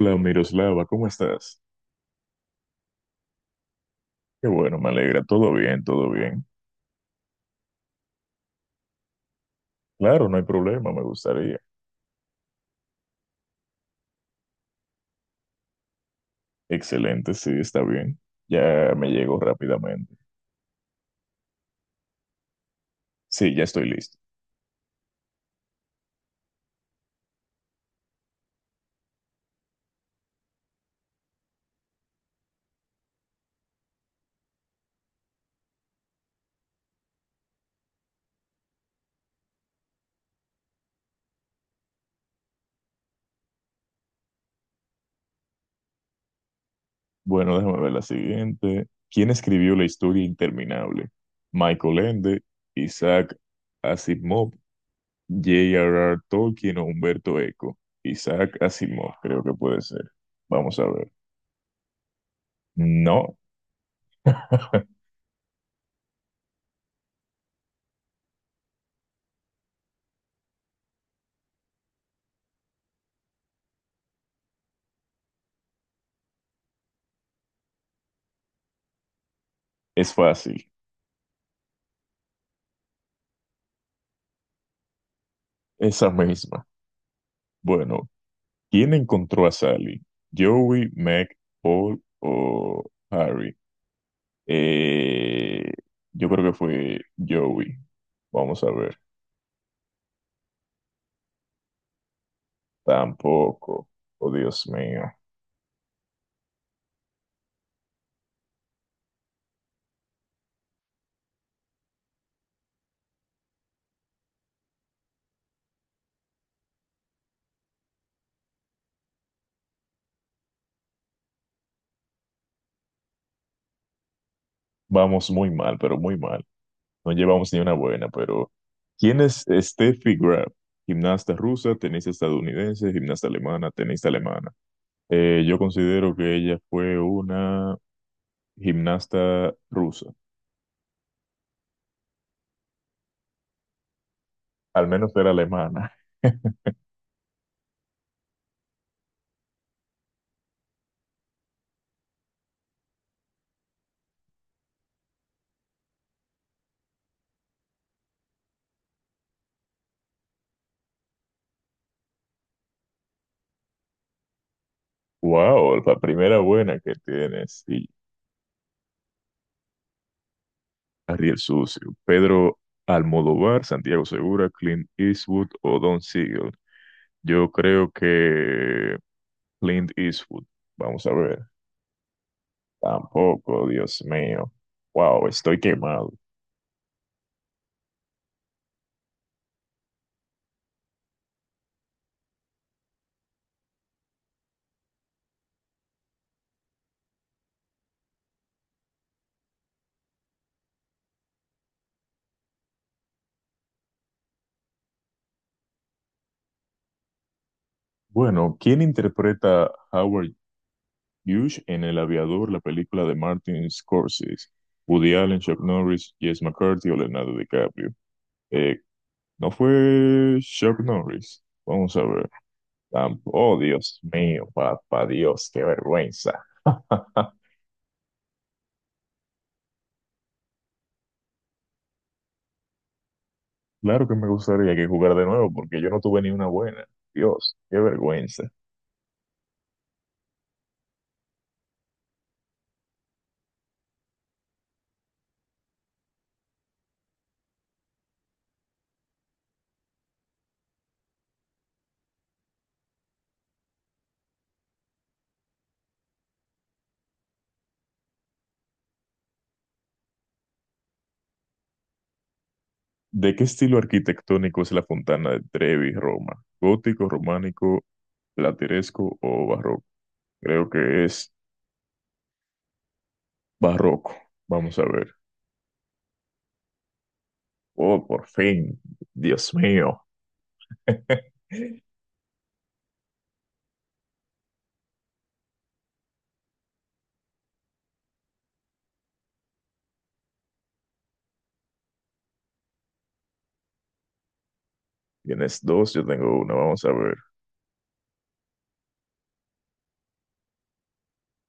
Hola, Miroslava, ¿cómo estás? Qué bueno, me alegra. Todo bien, todo bien. Claro, no hay problema, me gustaría. Excelente, sí, está bien. Ya me llegó rápidamente. Sí, ya estoy listo. Bueno, déjame ver la siguiente. ¿Quién escribió la historia interminable? Michael Ende, Isaac Asimov, J.R.R. Tolkien o Humberto Eco. Isaac Asimov, creo que puede ser. Vamos a ver. No, es fácil. Esa misma. Bueno, ¿quién encontró a Sally? ¿Joey, Meg, Paul o Harry? Eh, yo creo que fue Joey. Vamos a ver. Tampoco. Oh, Dios mío. Vamos muy mal, pero muy mal. No llevamos ni una buena, pero ¿quién es Steffi Graf? Gimnasta rusa, tenista estadounidense, gimnasta alemana, tenista alemana. Yo considero que ella fue una gimnasta rusa. Al menos era alemana. Wow, la primera buena que tienes. Sí, Ariel Sucio, Pedro Almodóvar, Santiago Segura, Clint Eastwood o Don Siegel. Yo creo que Clint Eastwood. Vamos a ver. Tampoco, Dios mío. Wow, estoy quemado. Bueno, ¿quién interpreta a Howard Hughes en El Aviador, la película de Martin Scorsese? Woody Allen, Chuck Norris, Jess McCarthy o Leonardo DiCaprio. Eh, ¿No fue Chuck Norris? Vamos a ver. Oh, Dios mío, papá Dios, qué vergüenza. Claro que me gustaría que jugara de nuevo porque yo no tuve ni una buena. Dios, qué vergüenza. ¿De qué estilo arquitectónico es la Fontana de Trevi, Roma? ¿Gótico, románico, plateresco o barroco? Creo que es barroco. Vamos a ver. Oh, por fin. Dios mío. Tienes dos, yo tengo una. Vamos a ver.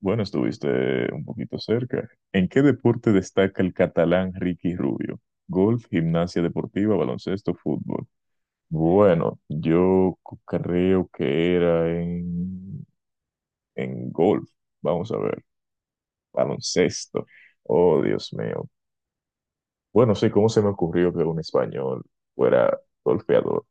Bueno, estuviste un poquito cerca. ¿En qué deporte destaca el catalán Ricky Rubio? Golf, gimnasia deportiva, baloncesto, fútbol. Bueno, creo que era en golf. Vamos a ver, baloncesto. Oh, Dios mío. Bueno, sí, ¿cómo se me ocurrió que un español fuera golfeador?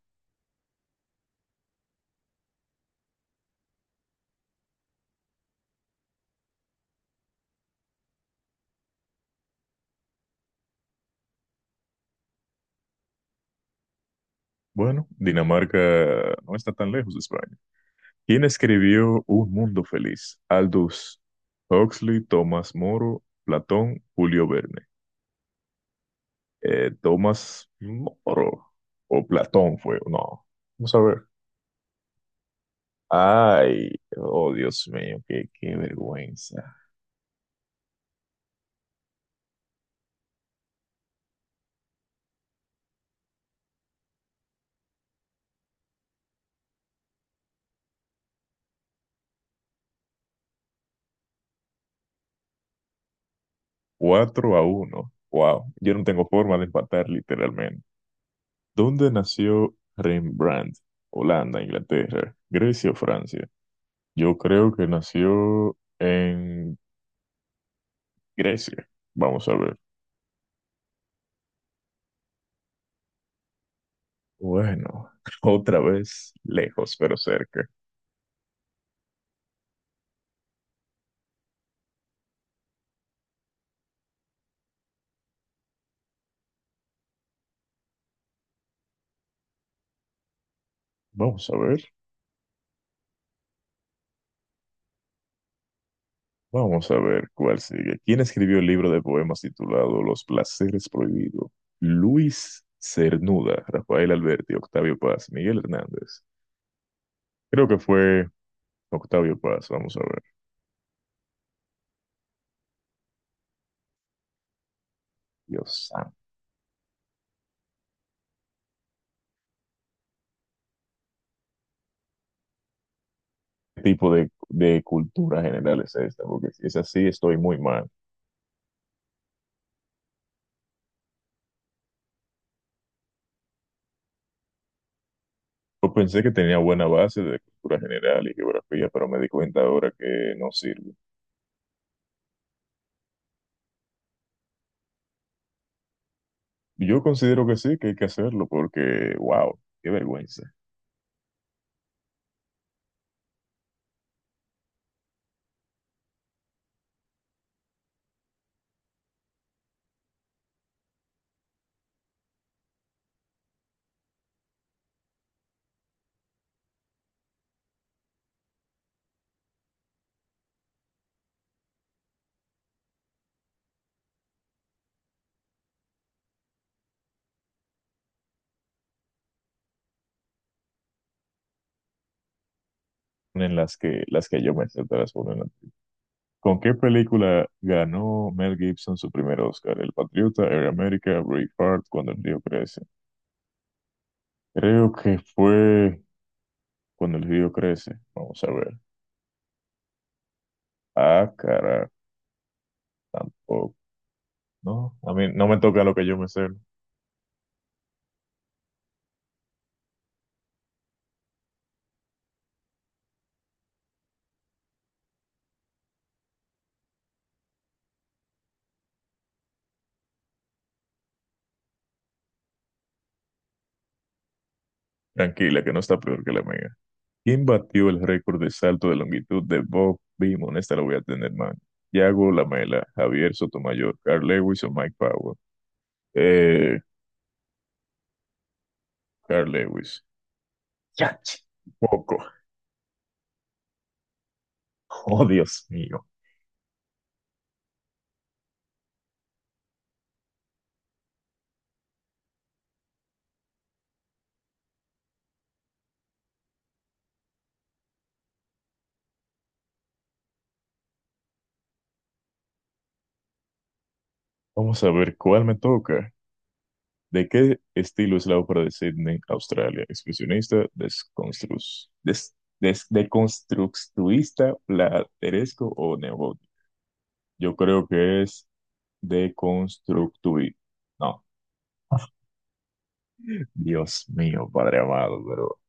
Bueno, Dinamarca no está tan lejos de España. ¿Quién escribió Un Mundo Feliz? Aldous Huxley, Tomás Moro, Platón, Julio Verne. Tomás Moro o Platón fue, no. Vamos a ver. Ay, oh Dios mío, qué vergüenza. Cuatro a uno. Wow, yo no tengo forma de empatar literalmente. ¿Dónde nació Rembrandt? Holanda, Inglaterra, Grecia o Francia. Yo creo que nació en Grecia. Vamos a ver. Bueno, otra vez, lejos pero cerca. Vamos a ver, vamos a ver cuál sigue. ¿Quién escribió el libro de poemas titulado Los placeres prohibidos? Luis Cernuda, Rafael Alberti, Octavio Paz, Miguel Hernández. Creo que fue Octavio Paz, vamos a ver. Dios santo. ¿Qué tipo de cultura general es esta? Porque si es así, estoy muy mal. Yo pensé que tenía buena base de cultura general y geografía, pero me di cuenta ahora que no sirve. Yo considero que sí, que hay que hacerlo, porque, wow, qué vergüenza en las que yo me sé transformar en ti. ¿Con qué película ganó Mel Gibson su primer Oscar? El Patriota, Air America, Braveheart, Cuando el río crece. Creo que fue Cuando el río crece. Vamos a ver. Ah, cara, tampoco. No, a mí no me toca lo que yo me sé. Tranquila, que no está peor que la mía. ¿Quién batió el récord de salto de longitud de Bob Beamon? Esta la voy a tener, man. Yago Lamela, Javier Sotomayor, Carl Lewis o Mike Power. Eh, Carl Lewis. Ya, poco. Oh, Dios mío. Vamos a ver cuál me toca. ¿De qué estilo es la ópera de Sydney, Australia? Expresionista, deconstructuista, plateresco o neogótico. Yo creo que es deconstructuista. No. Dios mío, Padre amado, pero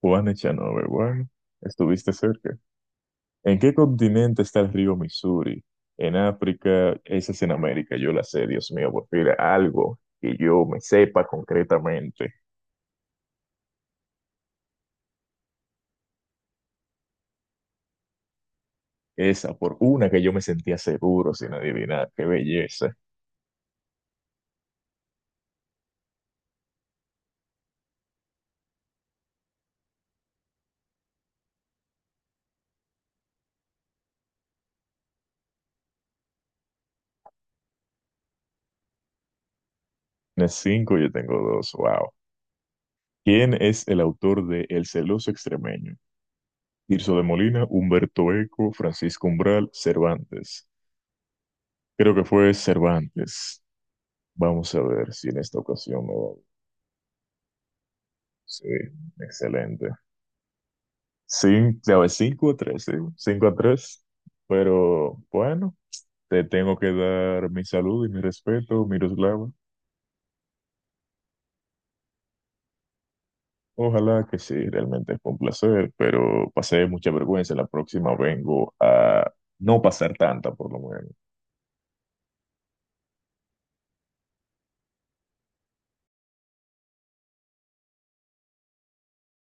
Juan Echanove, bueno, estuviste cerca. ¿En qué continente está el río Missouri? En África, esa es en América, yo la sé, Dios mío, por fin, algo que yo me sepa concretamente. Esa, por una que yo me sentía seguro sin adivinar, qué belleza. Tienes cinco, yo tengo dos, wow. ¿Quién es el autor de El celoso extremeño? Tirso de Molina, Humberto Eco, Francisco Umbral, Cervantes. Creo que fue Cervantes. Vamos a ver si en esta ocasión me va. Sí, excelente. Ya ves, cinco a tres, sí, cinco a tres. Pero bueno, te tengo que dar mi salud y mi respeto, Miroslava. Ojalá que sí, realmente fue un placer, pero pasé mucha vergüenza. La próxima vengo a no pasar tanta, por lo menos.